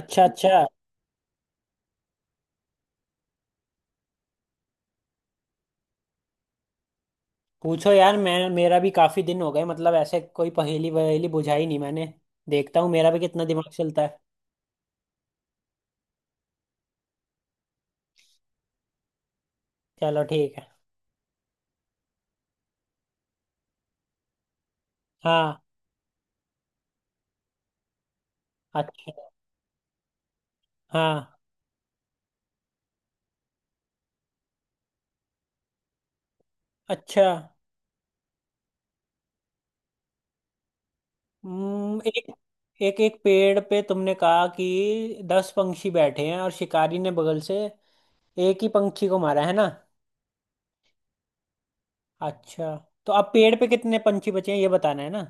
अच्छा, अच्छा। पूछो यार, मैं मेरा भी काफी दिन हो गए, मतलब ऐसे कोई पहेली वहेली बुझाई नहीं मैंने। देखता हूँ मेरा भी कितना दिमाग चलता है। चलो ठीक है। हाँ। अच्छा। हाँ। अच्छा। एक एक एक पेड़ पे तुमने कहा कि 10 पंछी बैठे हैं, और शिकारी ने बगल से एक ही पंछी को मारा है ना? अच्छा। तो अब पेड़ पे कितने पंछी बचे हैं, ये बताना है ना?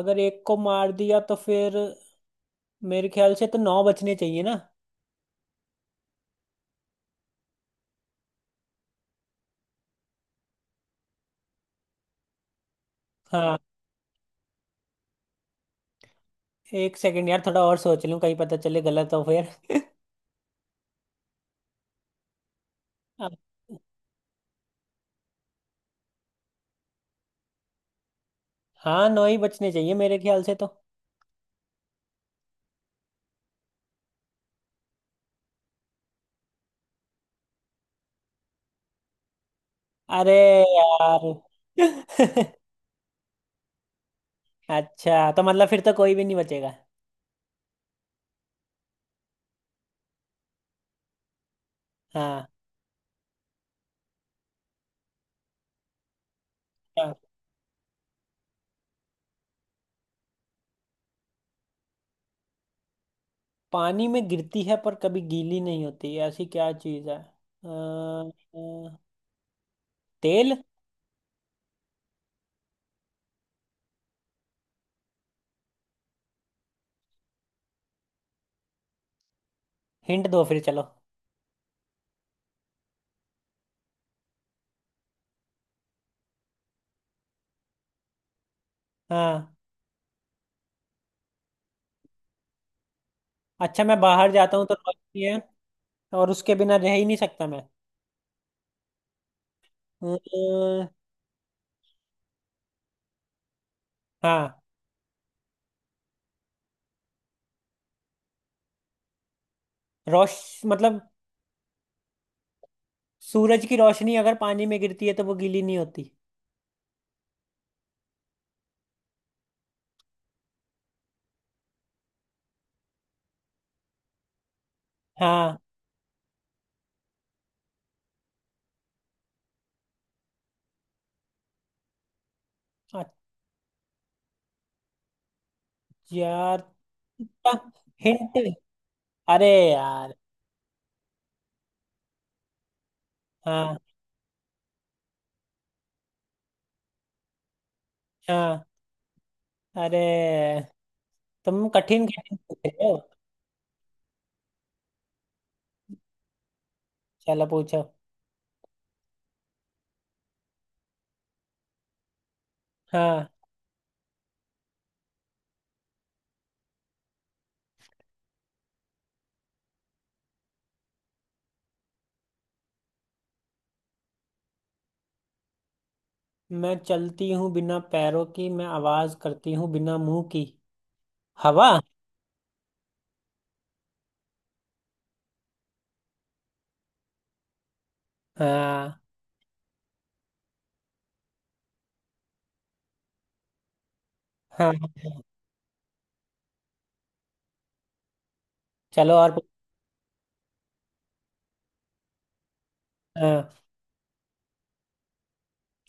अगर एक को मार दिया तो फिर मेरे ख्याल से तो नौ बचने चाहिए ना? हाँ। एक सेकंड यार, थोड़ा और सोच लूं कहीं पता चले गलत हो फिर। अब- हाँ, नौ ही बचने चाहिए मेरे ख्याल से तो। अरे यार। अच्छा, तो मतलब फिर तो कोई भी नहीं बचेगा। हाँ, हाँ। पानी में गिरती है पर कभी गीली नहीं होती, ऐसी क्या चीज है? तेल। हिंट दो फिर चलो। हाँ। अच्छा, मैं बाहर जाता हूँ तो रोशनी है। और उसके बिना रह ही नहीं सकता मैं। अ, हाँ। रोश मतलब सूरज की रोशनी अगर पानी में गिरती है तो वो गीली नहीं होती। हाँ। अच्छा। यार। हिंट। अरे यार। हाँ। हाँ। अरे। तुम कठिन कठिन पूछ रहे हो। चलो पूछो। हाँ। मैं चलती हूँ बिना पैरों की, मैं आवाज करती हूँ बिना मुंह की। हवा। हाँ। हाँ। चलो और हाँ,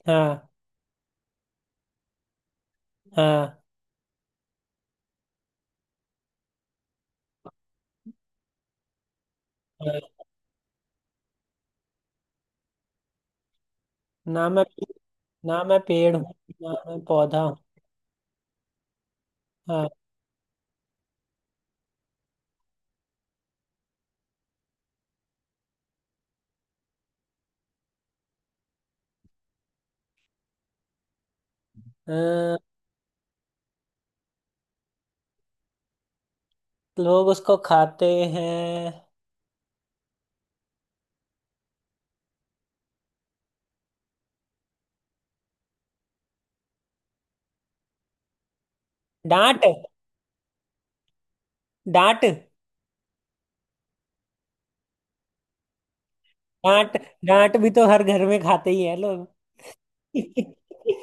हाँ, हाँ, हाँ। ना मैं ना मैं पेड़ हूँ ना मैं पौधा हूँ। हाँ। हाँ, लोग उसको खाते हैं। डांट। डांट। डांट। डांट भी तो हर घर में खाते ही है लोग।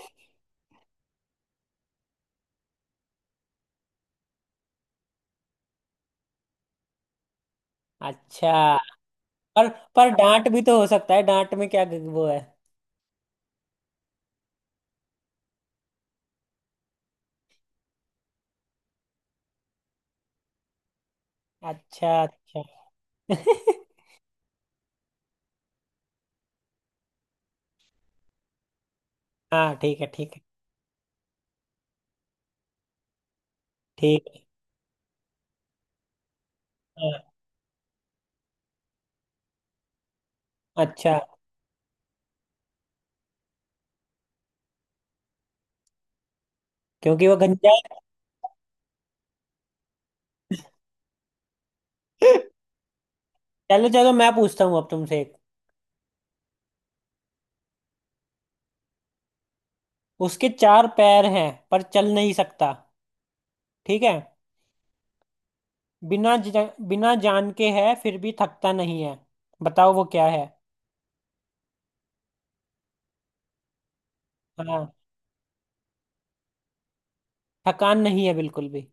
अच्छा। पर पर डांट भी तो हो सकता है, डांट में क्या वो है। अच्छा, अच्छा। हाँ, ठीक है, ठीक है। ठीक है। हाँ, अच्छा। क्योंकि वो गंजा है। चलो, चलो, मैं पूछता हूँ अब तुमसे एक। उसके चार पैर हैं पर चल नहीं सकता। ठीक है। बिना ज, बिना जान के है फिर भी थकता नहीं है। बताओ वो क्या है। हाँ। थकान नहीं है बिल्कुल भी।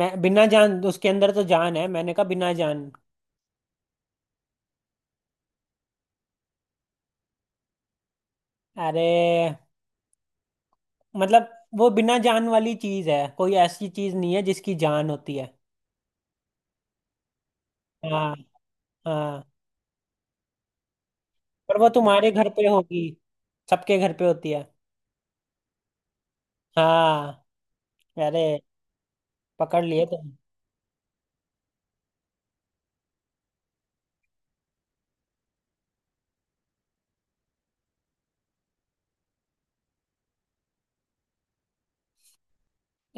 मैं बिना जान, उसके अंदर तो जान है, मैंने कहा बिना जान। अरे, मतलब वो बिना जान वाली चीज है, कोई ऐसी चीज नहीं है जिसकी जान होती है। हाँ। हाँ। पर वो तुम्हारे घर पे होगी, सबके घर पे होती है। हाँ। अरे। पकड़ लिए तुम।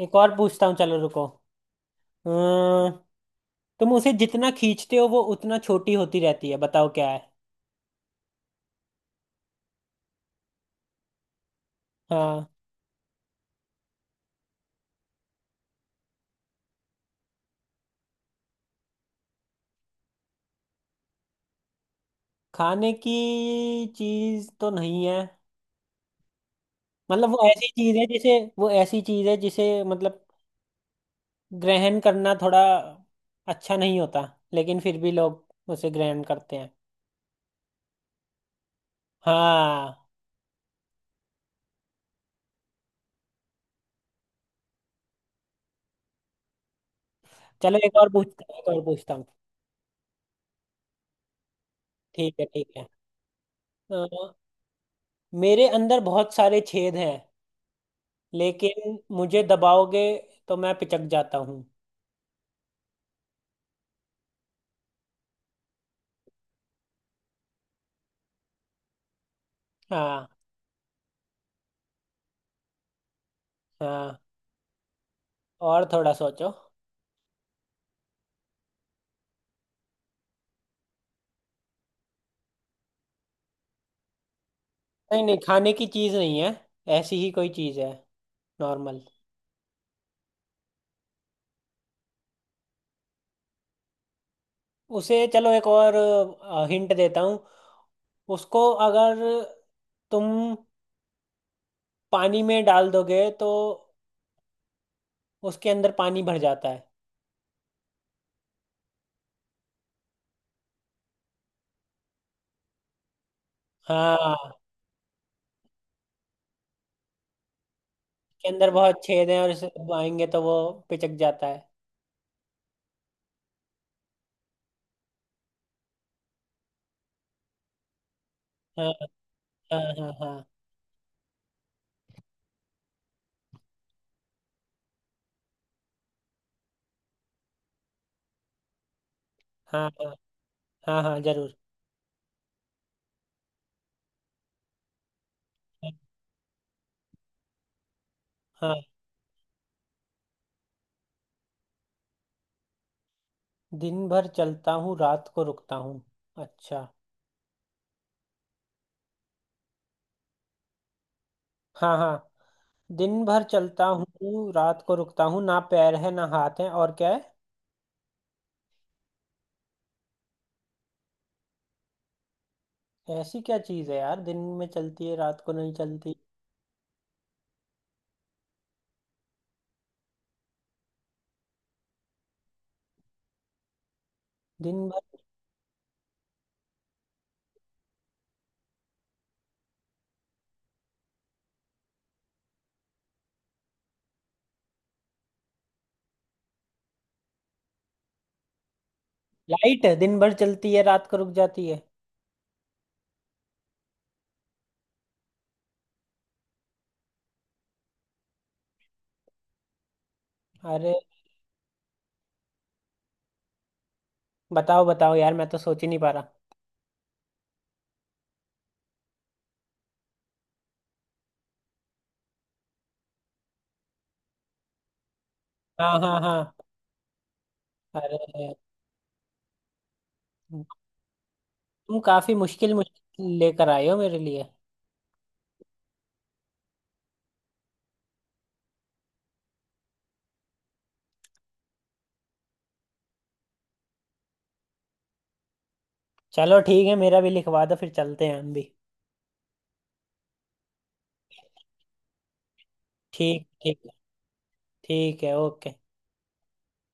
एक और पूछता हूँ, चलो रुको। अम्म, तुम उसे जितना खींचते हो वो उतना छोटी होती रहती है, बताओ क्या है। हाँ। खाने की चीज तो नहीं है। मतलब वो ऐसी चीज है जिसे मतलब ग्रहण करना थोड़ा अच्छा नहीं होता, लेकिन फिर भी लोग उसे ग्रहण करते हैं। हाँ। चलो, एक और पूछता हूँ। ठीक है, ठीक है। अ, मेरे अंदर बहुत सारे छेद हैं, लेकिन मुझे दबाओगे तो मैं पिचक जाता हूँ। हाँ, हाँ। और थोड़ा सोचो। नहीं, नहीं, खाने की चीज़ नहीं है, ऐसी ही कोई चीज़ है, नॉर्मल। उसे चलो, एक और हिंट देता हूँ उसको, अगर तुम पानी में डाल दोगे तो उसके अंदर पानी भर जाता है। हाँ। के अंदर बहुत छेद है और इसे दबाएंगे तो वो पिचक जाता है। हाँ, हाँ, हाँ। हाँ। हाँ हाँ हाँ हाँ जरूर। हाँ। दिन भर चलता हूँ, रात को रुकता हूँ। अच्छा। हाँ, हाँ। दिन भर चलता हूँ रात को रुकता हूँ, ना पैर है ना हाथ है, और क्या है? ऐसी क्या चीज़ है यार, दिन में चलती है रात को नहीं चलती? दिन भर। लाइट दिन भर चलती है रात को रुक जाती है। अरे। बताओ, बताओ यार, मैं तो सोच ही नहीं पा रहा। हाँ, हाँ, हाँ। अरे, तुम काफी मुश्किल मुश्किल लेकर आए हो मेरे लिए। चलो ठीक है, मेरा भी लिखवा दो फिर चलते हैं हम भी। ठीक, ठीक है। ठीक है, ओके।